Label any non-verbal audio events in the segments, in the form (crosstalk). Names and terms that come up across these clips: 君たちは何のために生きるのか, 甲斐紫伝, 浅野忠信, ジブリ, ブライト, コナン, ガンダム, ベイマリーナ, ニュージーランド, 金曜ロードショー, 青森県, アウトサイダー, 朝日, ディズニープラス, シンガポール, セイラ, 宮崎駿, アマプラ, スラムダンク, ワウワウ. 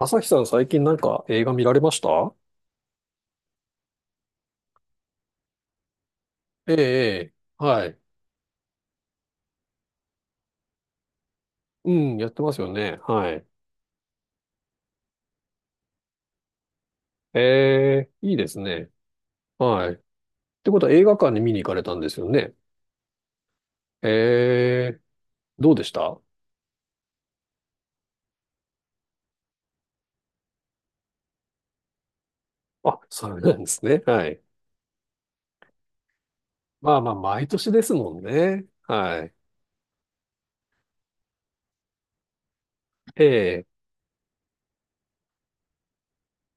朝日さん、最近なんか映画見られました？ええ、ええ、はい。うん、やってますよね。はい。ええ、いいですね。はい。ってことは映画館に見に行かれたんですよね。ええ、どうでした？あ、そうなんですね。はい。まあまあ、毎年ですもんね。はい。ええ、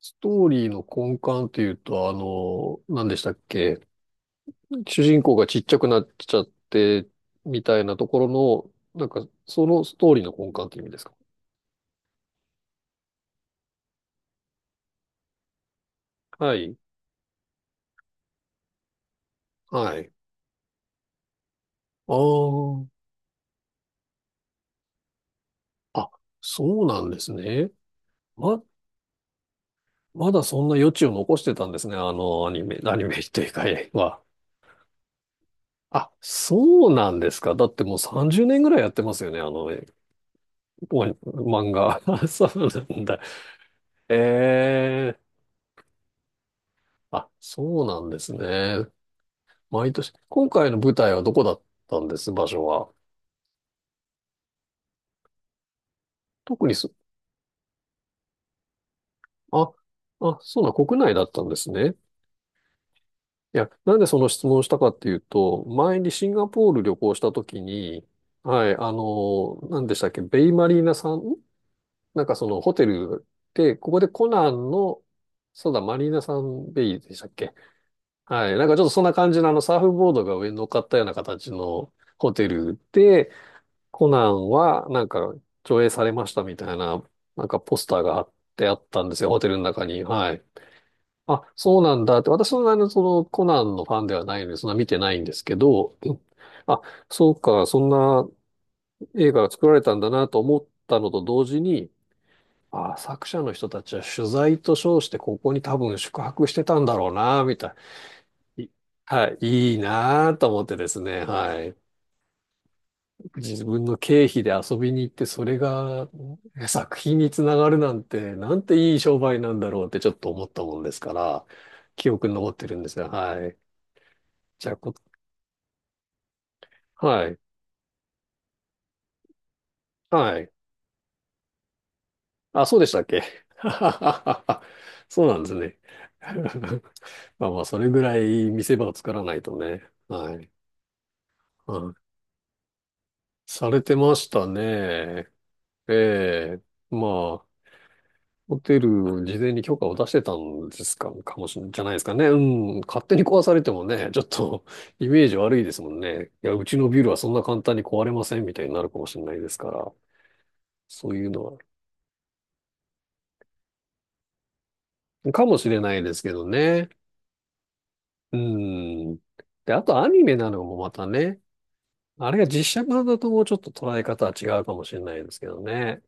ストーリーの根幹っていうと、何でしたっけ？主人公がちっちゃくなっちゃって、みたいなところの、なんか、そのストーリーの根幹っていう意味ですか？はい。はい。ああ、あ、そうなんですね。ま、まだそんな余地を残してたんですね。アニメというか映画。あ、そうなんですか。だってもう30年ぐらいやってますよね。お漫画。(laughs) そうなんだ。ええ、あ、そうなんですね。毎年。今回の舞台はどこだったんです、場所は？特にす、あ、あ、そうなん、国内だったんですね。いや、なんでその質問をしたかっていうと、前にシンガポール旅行した時に、はい、何でしたっけ、ベイマリーナさん、なんかそのホテルで、ここでコナンの、そうだ、マリーナさんベイでしたっけ。はい、なんかちょっとそんな感じのあのサーフボードが上に乗っかったような形のホテルで、コナンはなんか上映されましたみたいな、なんかポスターが貼ってあったんですよ、ホテルの中に。はい。あ、そうなんだって、私のあの、そのコナンのファンではないので、そんな見てないんですけど、うん、あ、そうか、そんな映画が作られたんだなと思ったのと同時に、あ、作者の人たちは取材と称してここに多分宿泊してたんだろうな、みたい。いはい、いいなと思ってですね、はい。自分の経費で遊びに行って、それが作品につながるなんて、なんていい商売なんだろうってちょっと思ったもんですから、記憶に残ってるんですよ。はい。じゃこ、はい。はい。あ、そうでしたっけ？ (laughs) そうなんですね。(laughs) まあまあ、それぐらい見せ場を作らないとね。はい。はい。されてましたね。ええ。まあ、ホテル、事前に許可を出してたんですか、かもしれない、じゃないですかね。うん。勝手に壊されてもね、ちょっと (laughs)、イメージ悪いですもんね。いや、うちのビルはそんな簡単に壊れませんみたいになるかもしれないですから。そういうのは。かもしれないですけどね。うん。で、あとアニメなのもまたね、あれが実写版だともうちょっと捉え方は違うかもしれないですけどね。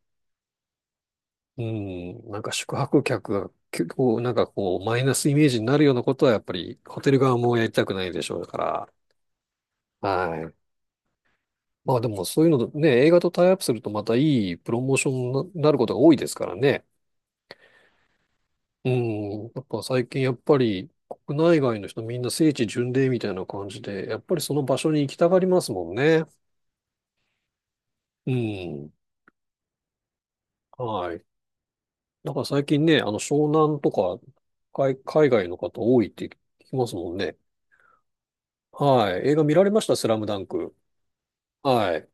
うん。なんか宿泊客が結構なんかこうマイナスイメージになるようなことはやっぱりホテル側もやりたくないでしょうから。はい。まあでもそういうのね、映画とタイアップするとまたいいプロモーションになることが多いですからね。うん。やっぱ最近やっぱり国内外の人みんな聖地巡礼みたいな感じで、やっぱりその場所に行きたがりますもんね。うん。はい。なんから最近ね、あの、湘南とか、海外の方多いって聞きますもんね。はい。映画見られました、スラムダンク？はい。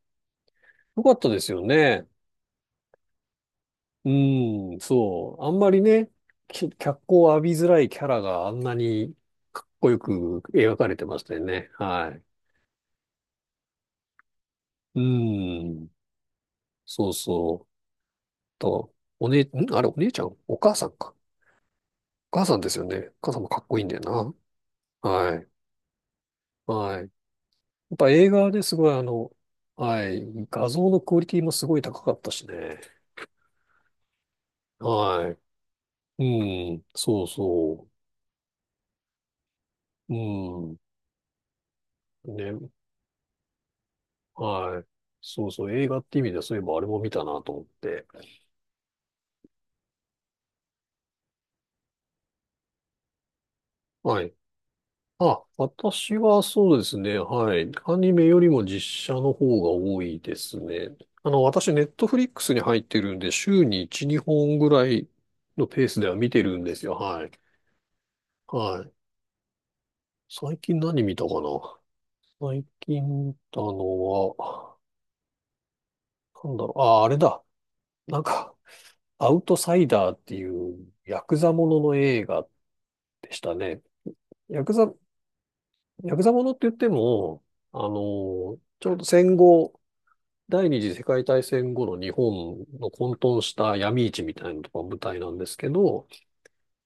よかったですよね。うん、そう。あんまりね、脚光を浴びづらいキャラがあんなにかっこよく描かれてましたよね。はい。うん、そうそう。と、あれ、お姉ちゃんお母さんか？お母さんですよね。お母さんもかっこいいんだよな。はい。はい。やっぱ映画ですごいはい、画像のクオリティもすごい高かったしね。はい。うん、そうそう。うん、ね、はい。そうそう、映画って意味ではそういえばあれも見たなと思って。はい。あ、私はそうですね、はい。アニメよりも実写の方が多いですね。あの、私、ネットフリックスに入ってるんで、週に1、2本ぐらいのペースでは見てるんですよ。はい。はい。最近何見たかな？最近見たのは、なんだろう、ああ、あれだ。なんか、アウトサイダーっていうヤクザものの映画でしたね。ヤクザ、ヤクザものって言っても、ちょうど戦後、第二次世界大戦後の日本の混沌した闇市みたいなとか舞台なんですけど、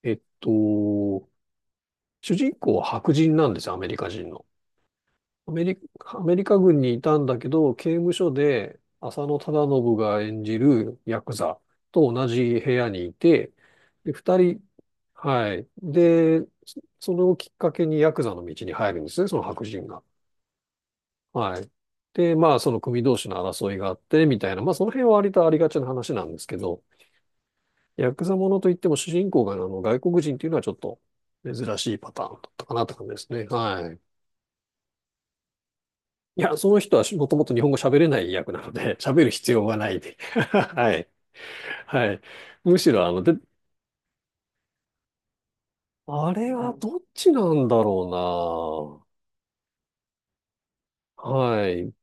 えっと、主人公は白人なんですよ、アメリカ人の。アメリカ軍にいたんだけど、刑務所で浅野忠信が演じるヤクザと同じ部屋にいて、で、二人、はい。で、それをきっかけにヤクザの道に入るんですね、その白人が。はい。で、まあ、その組同士の争いがあって、みたいな、まあ、その辺は割とありがちな話なんですけど、ヤクザものといっても主人公があの外国人っていうのはちょっと珍しいパターンだったかなって感じですね。はい。いや、その人はもともと日本語喋れない役なので、(laughs) 喋る必要はないで。(laughs) はい。はい。むしろ、で、あれはどっちなんだろうな。はい。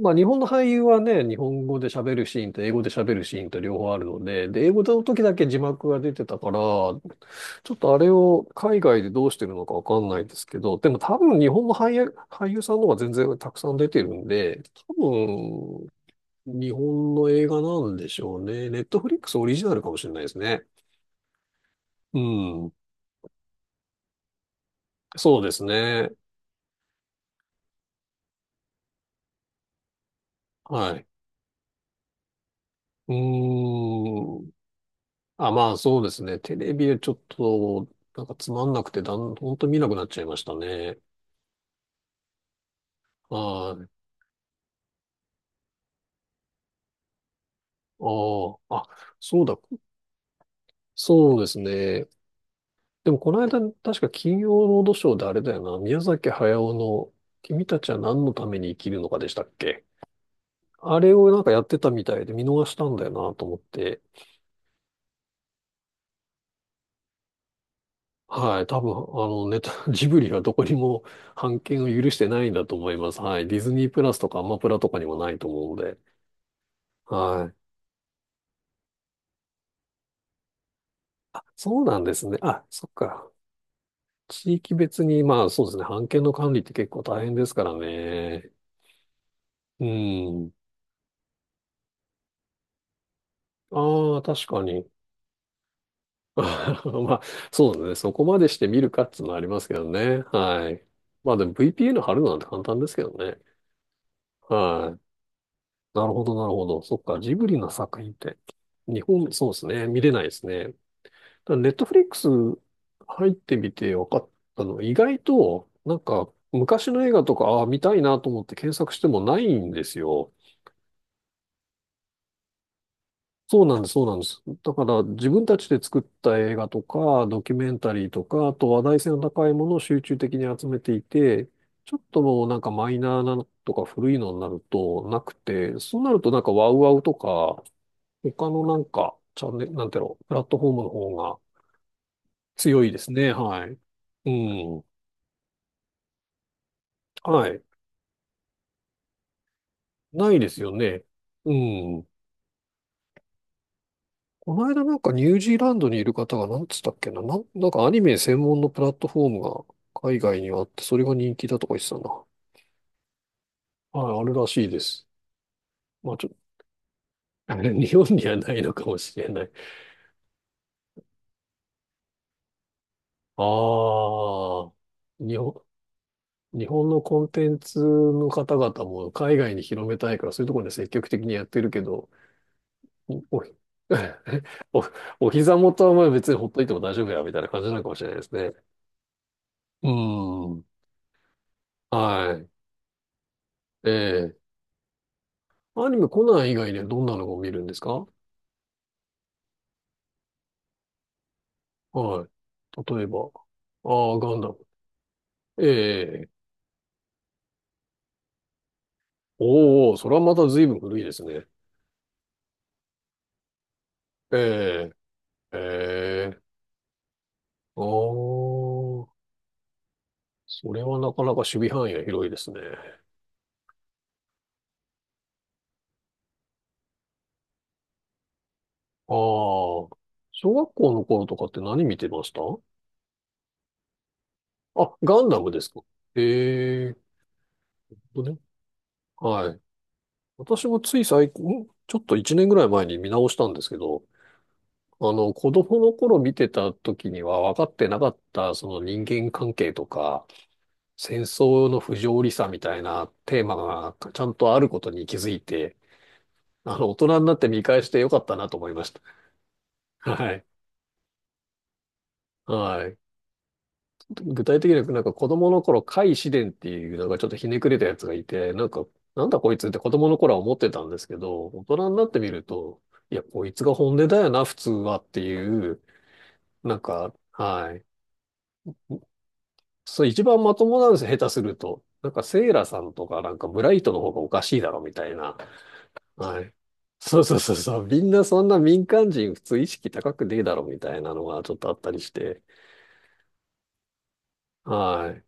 まあ、日本の俳優はね、日本語で喋るシーンと英語で喋るシーンと両方あるので、で、英語の時だけ字幕が出てたから、ちょっとあれを海外でどうしてるのかわかんないですけど、でも多分日本の俳優さんの方が全然たくさん出てるんで、多日本の映画なんでしょうね。ネットフリックスオリジナルかもしれないですね。うん。そうですね。はい。うーん。あ、まあそうですね。テレビでちょっと、なんかつまんなくて、ほんと見なくなっちゃいましたね。はい。ああ、あ、そうだ。そうですね。でもこの間、確か金曜ロードショーであれだよな。宮崎駿の君たちは何のために生きるのかでしたっけ？あれをなんかやってたみたいで見逃したんだよなと思って。はい、多分、ネタ、(laughs) ジブリはどこにも版権を許してないんだと思います。はい。ディズニープラスとかアマプラとかにもないと思うので。はい。あ、そうなんですね。あ、そっか。地域別に、まあそうですね。版権の管理って結構大変ですからね。うん。ああ、確かに。(laughs) まあ、そうですね。そこまでして見るかっていうのはありますけどね。はい。まあでも VPN 貼るなんて簡単ですけどね。はい。なるほど、なるほど。そっか、ジブリの作品って、日本、そうですね、見れないですね。ただネットフリックス入ってみて分かったのは、意外と、なんか、昔の映画とか、ああ、見たいなと思って検索してもないんですよ。そうなんです、そうなんです。だから、自分たちで作った映画とか、ドキュメンタリーとか、あと話題性の高いものを集中的に集めていて、ちょっともうなんかマイナーなのとか古いのになるとなくて、そうなるとなんかワウワウとか、他のなんか、チャンネル、なんていうの、プラットフォームの方が強いですね。はい。うん。はい。ないですよね。うん。この間なんかニュージーランドにいる方がなんつったっけな、なんかアニメ専門のプラットフォームが海外にはあって、それが人気だとか言ってたな。はい、あるらしいです。まあ(laughs) 日本にはないのかもしれない。ああ、日本、日本のコンテンツの方々も海外に広めたいから、そういうところで積極的にやってるけど、お、(laughs) お、お膝元はまあ別にほっといても大丈夫や、みたいな感じなのかもしれないですね。うーん。はい。ええ、アニメ、コナン以外でどんなのを見るんですか？はい。例えば。ああ、ガンダム。ええ、おお、それはまた随分古いですね。ええええおー。それはなかなか守備範囲が広いですね。ああ、小学校の頃とかって何見てました？あ、ガンダムですか？ええ、ほどね。はい。私もつい最近、ちょっと一年ぐらい前に見直したんですけど、子供の頃見てた時には分かってなかった、その人間関係とか、戦争の不条理さみたいなテーマがちゃんとあることに気づいて、大人になって見返してよかったなと思いました。(laughs) はい。はい。具体的にはなんか子供の頃、甲斐紫伝っていうなんかちょっとひねくれたやつがいて、なんか、なんだこいつって子供の頃は思ってたんですけど、大人になってみると、いや、こいつが本音だよな、普通はっていう、なんか、はい。そう、一番まともなんですよ、下手すると。なんか、セイラさんとか、なんか、ブライトの方がおかしいだろ、みたいな。はい。そうそうそうそう。みんなそんな民間人普通意識高くねえだろ、みたいなのがちょっとあったりして。はい。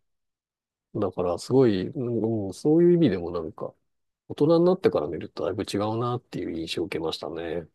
だから、すごい、うん、うん、そういう意味でもなんか、大人になってから見るとだいぶ違うなっていう印象を受けましたね。